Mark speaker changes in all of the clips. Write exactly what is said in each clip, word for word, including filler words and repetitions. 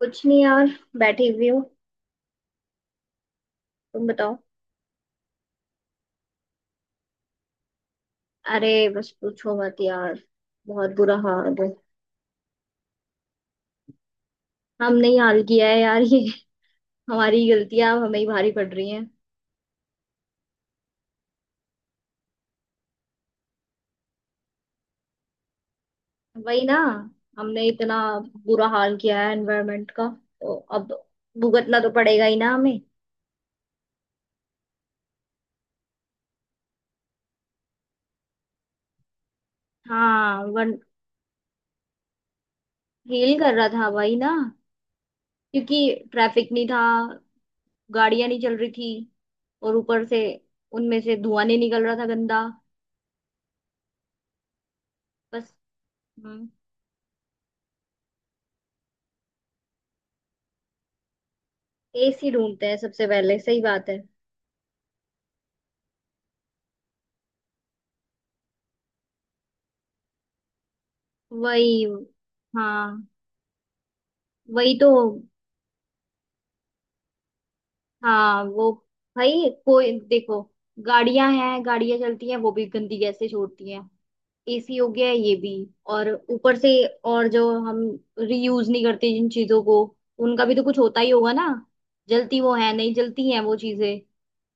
Speaker 1: कुछ नहीं यार। बैठी हुई हूँ। तुम बताओ। अरे, बस पूछो मत यार। बहुत बुरा हाल है। हमने ही हाल किया है यार ये। हमारी गलतियां अब हमें ही भारी पड़ रही हैं। वही ना। हमने इतना बुरा हाल किया है एनवायरनमेंट का। तो अब भुगतना तो पड़ेगा ही ना हमें। हाँ वन हील कर रहा था। वही ना। क्योंकि ट्रैफिक नहीं था। गाड़ियां नहीं चल रही थी। और ऊपर से उनमें से धुआं नहीं निकल रहा था गंदा। बस। हम्म। एसी ढूंढते हैं सबसे पहले, सही बात है। वही। हाँ। वही तो। हाँ वो। भाई कोई देखो। गाड़ियां हैं, गाड़ियां चलती हैं वो भी गंदी गैसें छोड़ती हैं। एसी हो गया है ये भी। और ऊपर से और जो हम रीयूज नहीं करते जिन चीजों को उनका भी तो कुछ होता ही होगा ना। जलती वो है नहीं जलती हैं वो चीजें।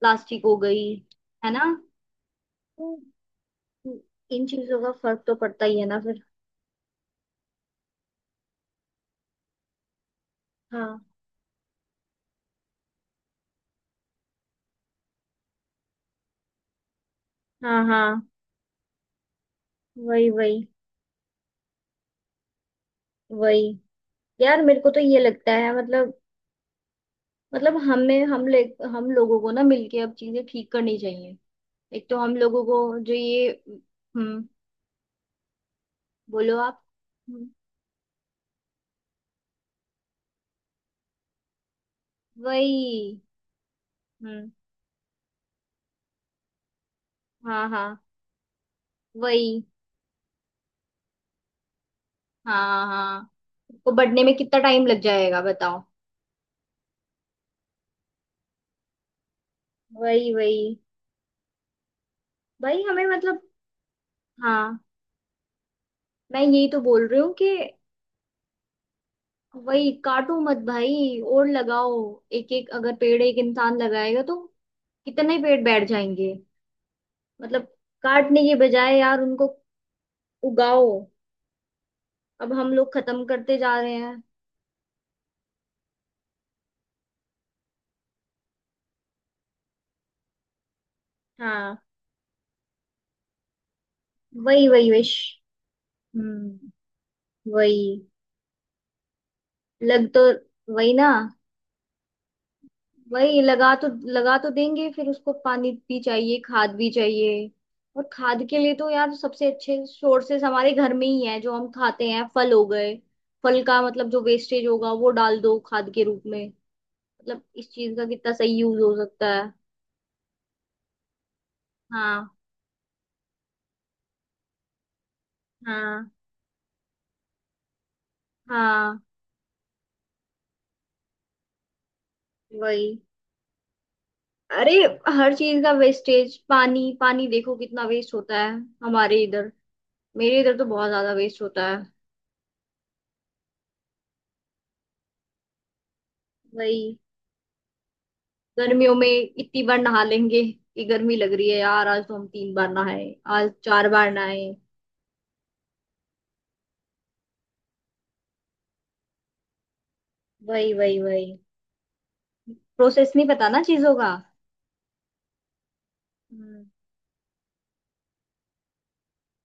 Speaker 1: प्लास्टिक हो गई। है ना। तो इन चीजों का फर्क तो पड़ता ही है ना फिर। हाँ हाँ हाँ। वही वही वही। यार मेरे को तो ये लगता है मतलब। मतलब हमें हम ले हम लोगों को ना मिलके अब चीजें ठीक करनी चाहिए। एक तो हम लोगों को जो ये, हम्म। बोलो आप। हम्म। वही। हम्म। हाँ हाँ। वही। हाँ हाँ। उसको बढ़ने में कितना टाइम लग जाएगा बताओ। वही वही। भाई हमें मतलब। हाँ। मैं यही तो बोल रही हूँ कि। वही। काटो मत भाई और लगाओ। एक एक अगर पेड़ एक इंसान लगाएगा तो कितने पेड़ बैठ जाएंगे। मतलब। काटने के बजाय यार उनको उगाओ। अब हम लोग खत्म करते जा रहे हैं। हाँ। वही वही विश। हम्म। वही। लग तो। वही ना। वही। लगा तो लगा तो देंगे फिर उसको पानी भी चाहिए खाद भी चाहिए। और खाद के लिए तो यार सबसे अच्छे सोर्सेस हमारे घर में ही है जो हम खाते हैं फल हो गए। फल का मतलब जो वेस्टेज होगा वो डाल दो खाद के रूप में। मतलब इस चीज का कितना सही यूज हो सकता है। हाँ हाँ हाँ। वही। अरे हर चीज का वेस्टेज, पानी पानी देखो कितना वेस्ट होता है। हमारे इधर। मेरे इधर तो बहुत ज्यादा वेस्ट होता है। वही। गर्मियों में इतनी बार नहा लेंगे कि गर्मी लग रही है यार, आज तो हम तीन बार नहाए। आज चार बार नहाए। वही वही वही। प्रोसेस नहीं पता ना चीजों का। हम्म।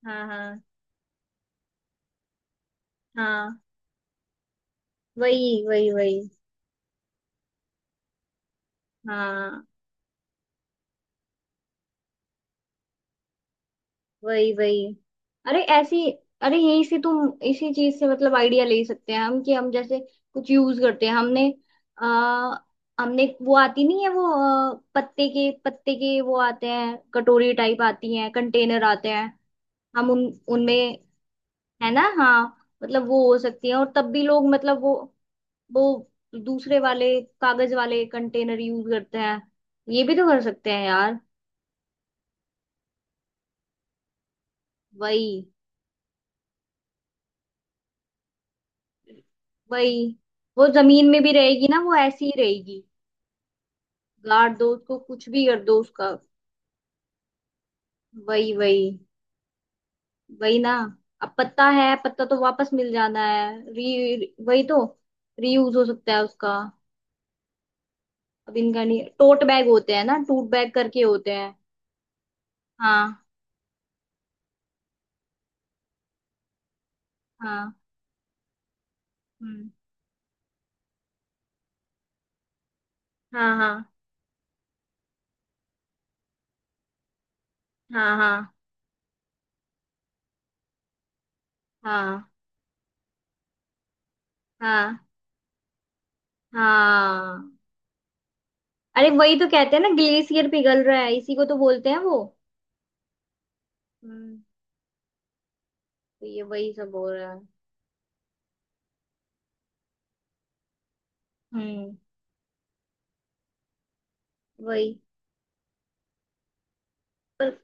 Speaker 1: हाँ हाँ हाँ। वही वही वही। हाँ। वही वही। अरे ऐसी। अरे यही से तुम इसी चीज से मतलब आइडिया ले सकते हैं हम कि हम जैसे कुछ यूज करते हैं हमने, आ, हमने वो आती नहीं है वो, अ, पत्ते के पत्ते के वो आते हैं कटोरी टाइप आती हैं कंटेनर आते हैं। हम उन उनमें। है ना। हाँ। मतलब वो हो सकती है और तब भी लोग मतलब वो वो दूसरे वाले कागज वाले कंटेनर यूज करते हैं। ये भी तो कर सकते हैं यार। वही वही। वो जमीन में भी रहेगी ना, वो ऐसी ही रहेगी। गाड़ दो उसको, कुछ भी कर दो उसका। वही वही। वही ना। अब पत्ता है, पत्ता तो वापस मिल जाना है, री वही तो। रीयूज हो सकता है उसका। अब इनका नहीं टोट बैग होते हैं ना, टूट बैग करके होते हैं। हाँ। हाँ। हम्म। हाँ हाँ हाँ। हाँ हाँ। हाँ। हाँ। अरे वही तो कहते हैं ना ग्लेशियर पिघल रहा है, इसी को तो बोलते हैं वो। हम्म। तो ये वही सब हो रहा है। हम्म। वही। पर।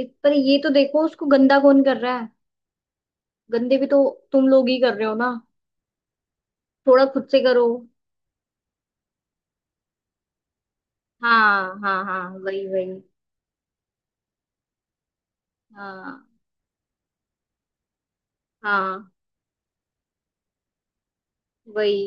Speaker 1: एक पर ये तो देखो उसको गंदा कौन कर रहा है। गंदे भी तो तुम लोग ही कर रहे हो ना, थोड़ा खुद से करो। हाँ हाँ हाँ। वही वही। हाँ हाँ। वही।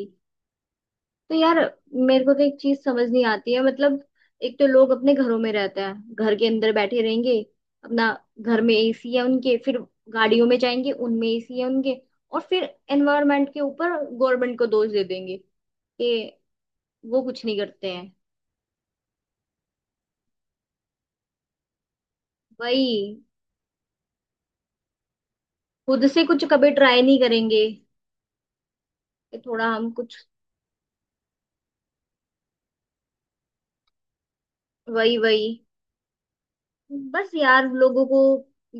Speaker 1: तो यार मेरे को तो एक चीज समझ नहीं आती है मतलब। एक तो लोग अपने घरों में रहते हैं, घर के अंदर बैठे रहेंगे। अपना घर में एसी है उनके फिर। गाड़ियों में जाएंगे उनमें एसी है उनके। और फिर एनवायरनमेंट के ऊपर गवर्नमेंट को दोष दे देंगे कि वो कुछ नहीं करते हैं। वही। खुद से कुछ कभी ट्राई नहीं करेंगे कि थोड़ा हम कुछ। वही वही। बस यार लोगों को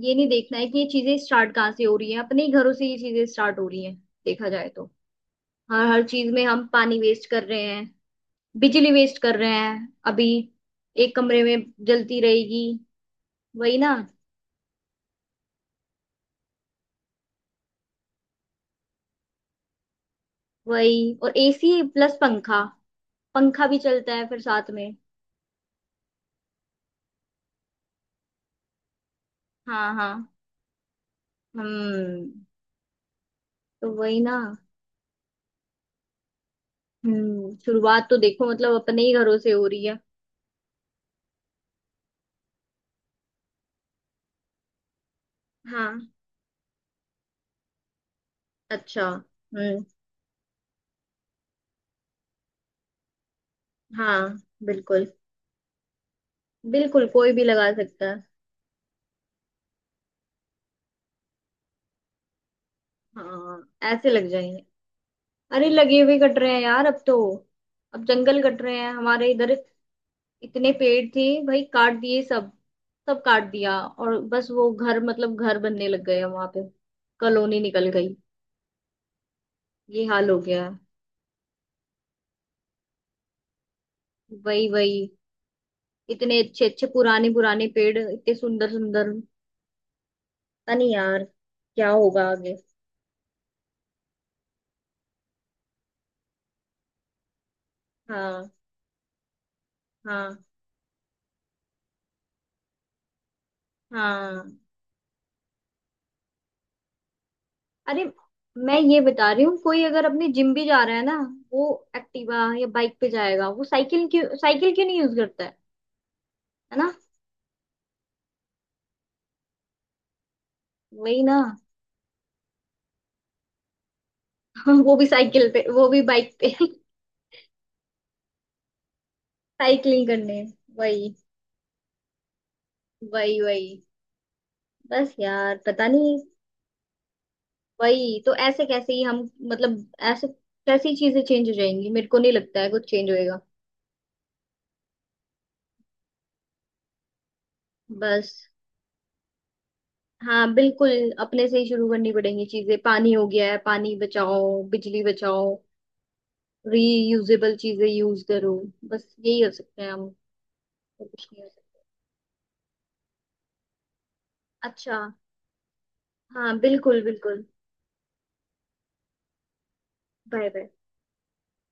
Speaker 1: ये नहीं देखना है कि ये चीजें स्टार्ट कहाँ से हो रही हैं, अपने ही घरों से ये चीजें स्टार्ट हो रही हैं। देखा जाए तो हर हर चीज में हम पानी वेस्ट कर रहे हैं। बिजली वेस्ट कर रहे हैं, अभी एक कमरे में जलती रहेगी। वही ना। वही, और एसी प्लस पंखा। पंखा भी चलता है फिर साथ में। हाँ हाँ। हम्म। तो वही ना। हम्म, शुरुआत तो देखो मतलब अपने ही घरों से हो रही है। हाँ। अच्छा। हम्म। हाँ बिल्कुल बिल्कुल, कोई भी लगा सकता है। हाँ। ऐसे लग जाएंगे। अरे लगे हुए कट रहे हैं यार अब तो। अब जंगल कट रहे हैं हमारे इधर। इतने पेड़ थे भाई, काट दिए सब। सब काट दिया और बस वो घर मतलब घर बनने लग गए वहां पे। कॉलोनी निकल गई। ये हाल हो गया है। वही वही। इतने अच्छे अच्छे पुराने पुराने पेड़ इतने सुंदर सुंदर, पता नहीं यार क्या होगा आगे। हाँ हाँ हाँ। अरे मैं ये बता रही हूँ, कोई अगर अपने जिम भी जा रहा है ना, वो एक्टिवा या बाइक पे जाएगा, वो साइकिल क्यों, साइकिल क्यों नहीं यूज करता है। है ना। वही ना। वो भी साइकिल पे वो भी बाइक पे साइकिलिंग करने। वही वही वही। बस यार पता नहीं। वही तो, ऐसे कैसे ही हम मतलब। ऐसे कैसी चीजें चेंज हो जाएंगी, मेरे को नहीं लगता है कुछ चेंज होएगा। बस। हाँ बिल्कुल, अपने से ही शुरू करनी पड़ेंगी चीजें, पानी हो गया है, पानी बचाओ, बिजली बचाओ। रीयूजेबल चीजें यूज करो। बस यही हो सकता है हम। और कुछ नहीं हो सकता। अच्छा। हाँ बिल्कुल बिल्कुल। Bye bye.